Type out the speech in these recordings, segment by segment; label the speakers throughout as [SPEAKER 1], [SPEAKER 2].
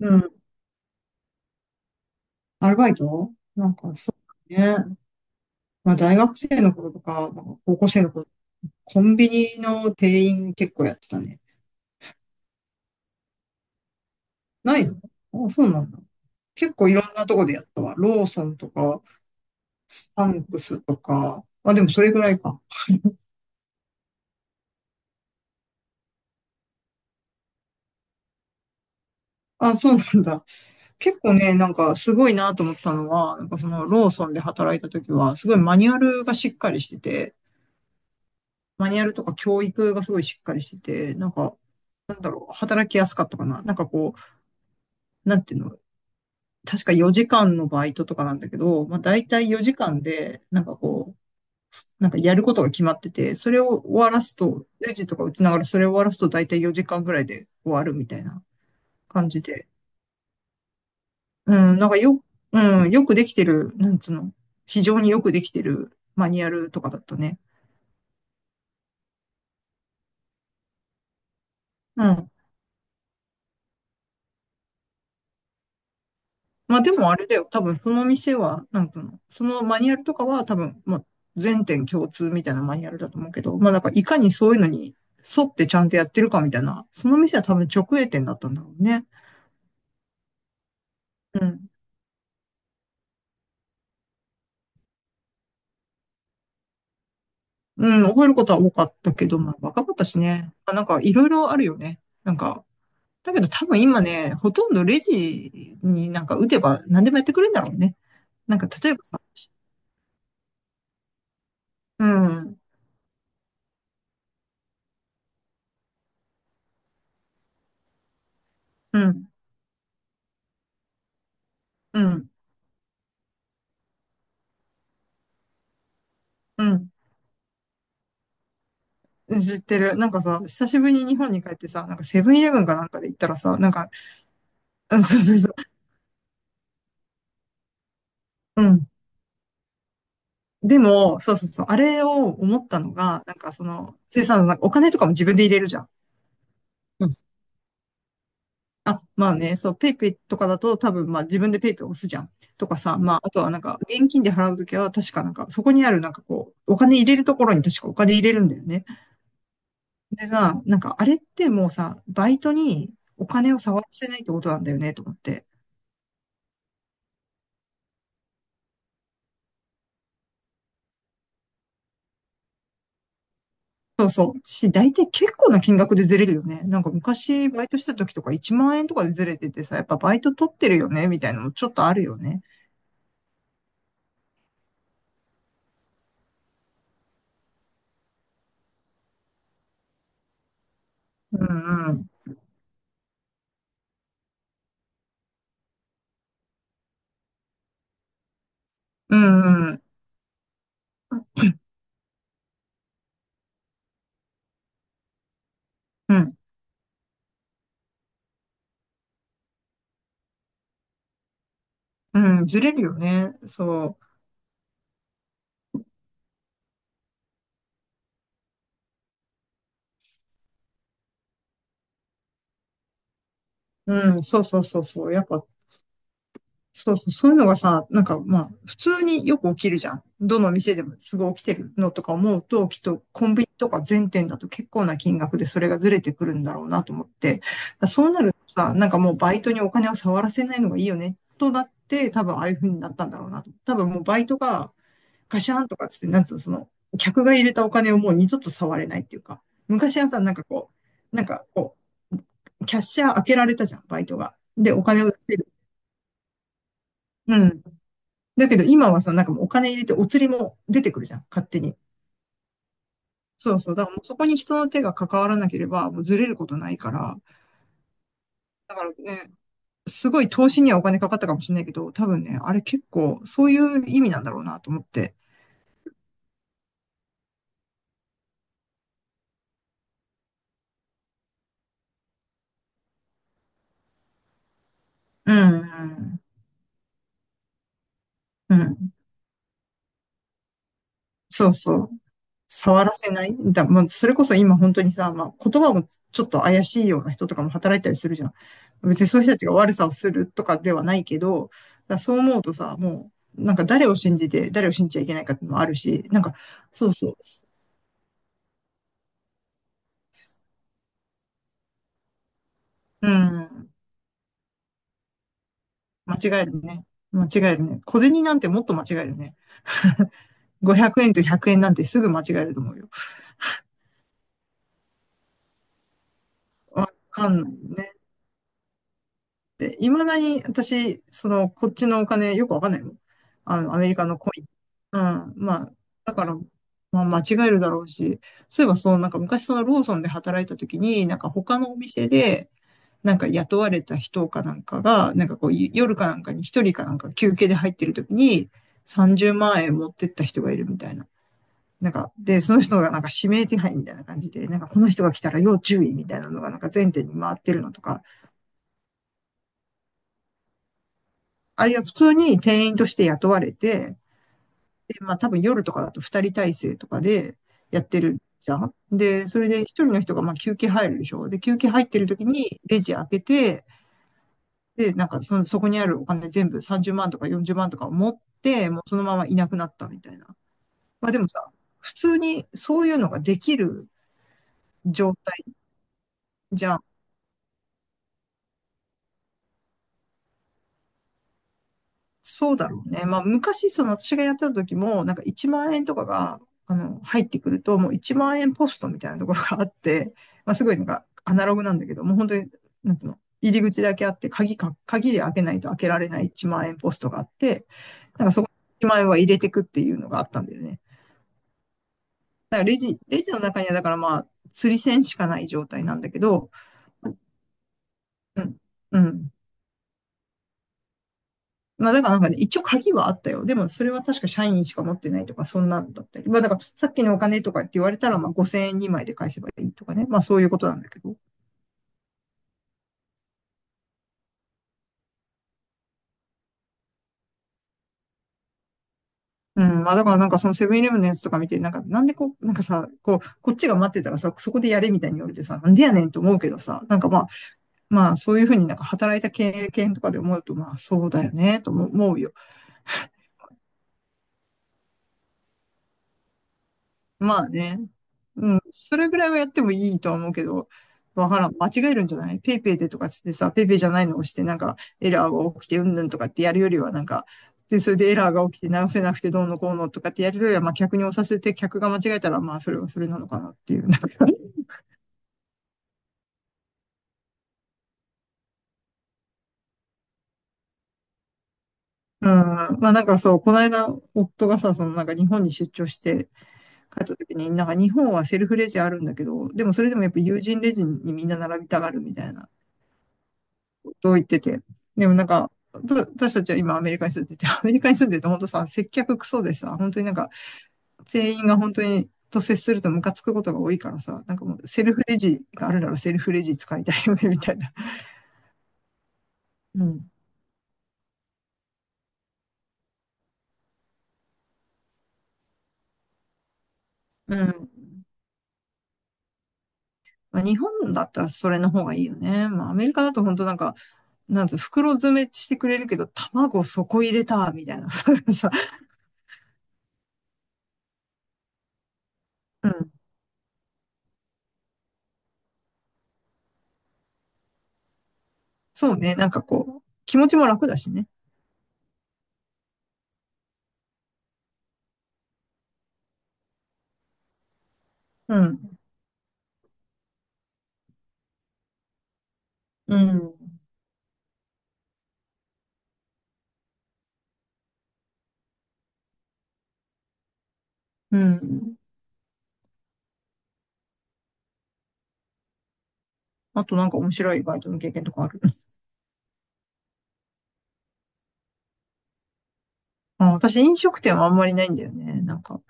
[SPEAKER 1] うん。アルバイト。なんかそうね。まあ大学生の頃とか、なんか高校生の頃、コンビニの店員結構やってたね。ないの？あ、そうなんだ。結構いろんなとこでやったわ。ローソンとか、スタンクスとか。あ、でもそれぐらいか。あ、そうなんだ。結構ね、なんかすごいなと思ったのは、なんかそのローソンで働いた時は、すごいマニュアルがしっかりしてて、マニュアルとか教育がすごいしっかりしてて、なんか働きやすかったかな。なんかこう、なんていうの、確か4時間のバイトとかなんだけど、まあ大体4時間で、なんかこう、なんかやることが決まってて、それを終わらすと、レジとか打ちながらそれを終わらすと大体4時間ぐらいで終わるみたいな感じで。うん、なんかよ、うん、よくできてる、なんつうの、非常によくできてるマニュアルとかだったね。うん。まあでもあれだよ。多分その店は、なんていうの、そのマニュアルとかは多分、まあ全店共通みたいなマニュアルだと思うけど、まあなんかいかにそういうのに沿ってちゃんとやってるかみたいな、その店は多分直営店だったんだろうね。うん。うん、覚えることは多かったけど、まあ若かったしね。まあなんかいろいろあるよね。なんか、だけど多分今ね、ほとんどレジになんか打てば何でもやってくれるんだろうね。なんか例えばさ、うん、うん、うん、うん。知ってる。なんかさ、久しぶりに日本に帰ってさ、なんかセブンイレブンかなんかで行ったらさ、なんか、うん、そうそうそう。うん。でも、そうそうそう。あれを思ったのが、なんかその、生産なんかお金とかも自分で入れるじゃん。うん。あ、まあね、そう、ペイペイとかだと多分、まあ自分でペイペイ押すじゃん。とかさ、まあ、あとはなんか、現金で払うときは確かなんか、そこにあるなんかこう、お金入れるところに確かお金入れるんだよね。でさ、なんかあれってもうさ、バイトにお金を触らせないってことなんだよね、と思って。そうそう。大体結構な金額でずれるよね。なんか昔バイトした時とか1万円とかでずれててさ、やっぱバイト取ってるよねみたいなのもちょっとあるよね。うんうん。うんうん。うん。うん。ずれるよね。そう。うん。そうそうそうそう。やっぱそうそう、そういうのがさ、なんかまあ、普通によく起きるじゃん。どの店でもすぐ起きてるのとか思うと、きっとコンビニとか全店だと結構な金額でそれがずれてくるんだろうなと思って、だからそうなるとさ、なんかもうバイトにお金を触らせないのがいいよね、となって、多分ああいう風になったんだろうなと。多分もうバイトがガシャンとかつって、なんつうの、その、客が入れたお金をもう二度と触れないっていうか、昔はさ、なんかこう、キャッシャー開けられたじゃん、バイトが。で、お金を出せる。うん。だけど今はさ、なんかもうお金入れてお釣りも出てくるじゃん、勝手に。そうそう。だからもうそこに人の手が関わらなければ、もうずれることないから。だからね、すごい投資にはお金かかったかもしれないけど、多分ね、あれ結構そういう意味なんだろうなと思って。うん。うん。そうそう。触らせないだ、まあ、それこそ今本当にさ、まあ、言葉もちょっと怪しいような人とかも働いたりするじゃん。別にそういう人たちが悪さをするとかではないけど、だそう思うとさ、もう、なんか誰を信じて、誰を信じちゃいけないかっていうのもあるし、なんか、そうそう。うん。間違えるね。間違えるね。小銭なんてもっと間違えるね。500円と100円なんてすぐ間違えると思うよ。わかんないね。で、いまだに私、その、こっちのお金よくわかんないもん。あの、アメリカのコイン。うん。まあ、だから、まあ、間違えるだろうし、そういえばそう、なんか昔そのローソンで働いた時に、なんか他のお店で、なんか雇われた人かなんかが、なんかこう、夜かなんかに一人かなんか休憩で入ってる時に、30万円持ってった人がいるみたいな。なんか、で、その人がなんか指名手配みたいな感じで、なんかこの人が来たら要注意みたいなのがなんか全店に回ってるのとか、あ、いや、普通に店員として雇われて、で、まあ多分夜とかだと二人体制とかでやってるじゃん。で、それで一人の人がまあ休憩入るでしょ。で、休憩入ってる時にレジ開けて、で、なんかその、そこにあるお金全部30万とか40万とかを持って、もうそのままいなくなったみたいな。まあでもさ、普通にそういうのができる状態じゃん。そうだろうね。まあ、昔、その私がやってた時も、なんか1万円とかが、あの、入ってくると、もう1万円ポストみたいなところがあって、まあ、すごいなんかアナログなんだけど、もう本当に、なんつうの、入り口だけあって、鍵で開けないと開けられない1万円ポストがあって、なんかそこに万円は入れてくっていうのがあったんだよね。だからレジ、レジの中にはだからまあ、釣り銭しかない状態なんだけど、うん、うん。まあだからなんかね、一応鍵はあったよ。でもそれは確か社員しか持ってないとか、そんなんだったり。まあだからさっきのお金とかって言われたら、まあ5000円2枚で返せばいいとかね。まあそういうことなんだけど。うん、まあだからなんかそのセブンイレブンのやつとか見て、なんかなんでこう、なんかさ、こう、こっちが待ってたらさ、そこでやれみたいに言われてさ、なんでやねんと思うけどさ、なんかまあ、まあそういうふうになんか働いた経験とかで思うと、まあそうだよね、と思うよ。まあね、それぐらいはやってもいいとは思うけど、わからん。間違えるんじゃないペイペイでとかつってさ、ペイペイじゃないのを押して、なんかエラーが起きてうんぬんとかってやるよりは、なんか、で、それでエラーが起きて直せなくてどうのこうのとかってやるよりは、まあ客に押させて客が間違えたら、まあそれはそれなのかなっていう、なんかうん。まあなんかそう、この間、夫がさ、そのなんか日本に出張して帰った時に、なんか日本はセルフレジあるんだけど、でもそれでもやっぱ友人レジにみんな並びたがるみたいな。と言ってて。でもなんか、私たちは今アメリカに住んでて、アメリカに住んでて本当さ、接客クソでさ、本当になんか、全員が本当にと接するとムカつくことが多いからさ、なんかもうセルフレジがあるならセルフレジ使いたいよね、みたいな。うん。うん。まあ、日本だったらそれの方がいいよね。まあ、アメリカだと本当なんか、なんつう、袋詰めしてくれるけど、卵そこ入れた、みたいなさ。うん。そうね。なんかこう、気持ちも楽だしね。うん。うん。うん。あとなんか面白いバイトの経験とかあるんです？ あ私飲食店はあんまりないんだよね。なんか、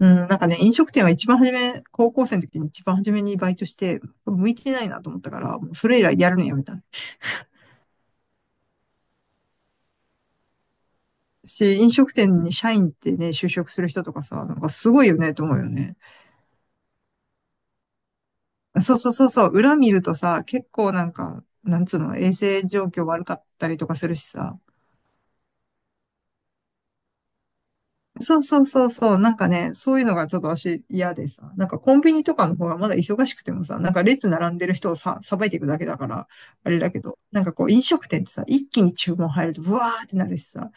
[SPEAKER 1] うん、なんかね、飲食店は一番初め、高校生の時に一番初めにバイトして、向いてないなと思ったから、もうそれ以来やるのやめた。し、飲食店に社員ってね、就職する人とかさ、なんかすごいよねと思うよね。そうそうそうそう、裏見るとさ、結構なんか、なんつうの、衛生状況悪かったりとかするしさ、そうそうそうそう。なんかね、そういうのがちょっと私嫌でさ。なんかコンビニとかの方がまだ忙しくてもさ、なんか列並んでる人をさ、さばいていくだけだから、あれだけど、なんかこう飲食店ってさ、一気に注文入るとブワーってなるしさ、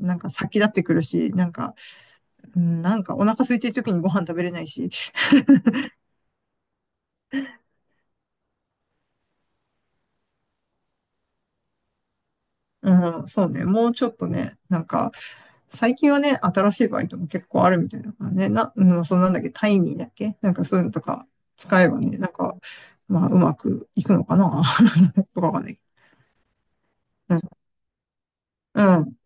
[SPEAKER 1] なんか先立ってくるし、なんか、うんなんかお腹空いてる時にご飯食べれないし、うん、そうね、もうちょっとね、なんか、最近はね、新しいバイトも結構あるみたいだからね、な、うん、そうなんだっけ、タイミーだっけなんかそういうのとか使えばね、なんか、まあ、うまくいくのかなとかわかんない。うん。うん。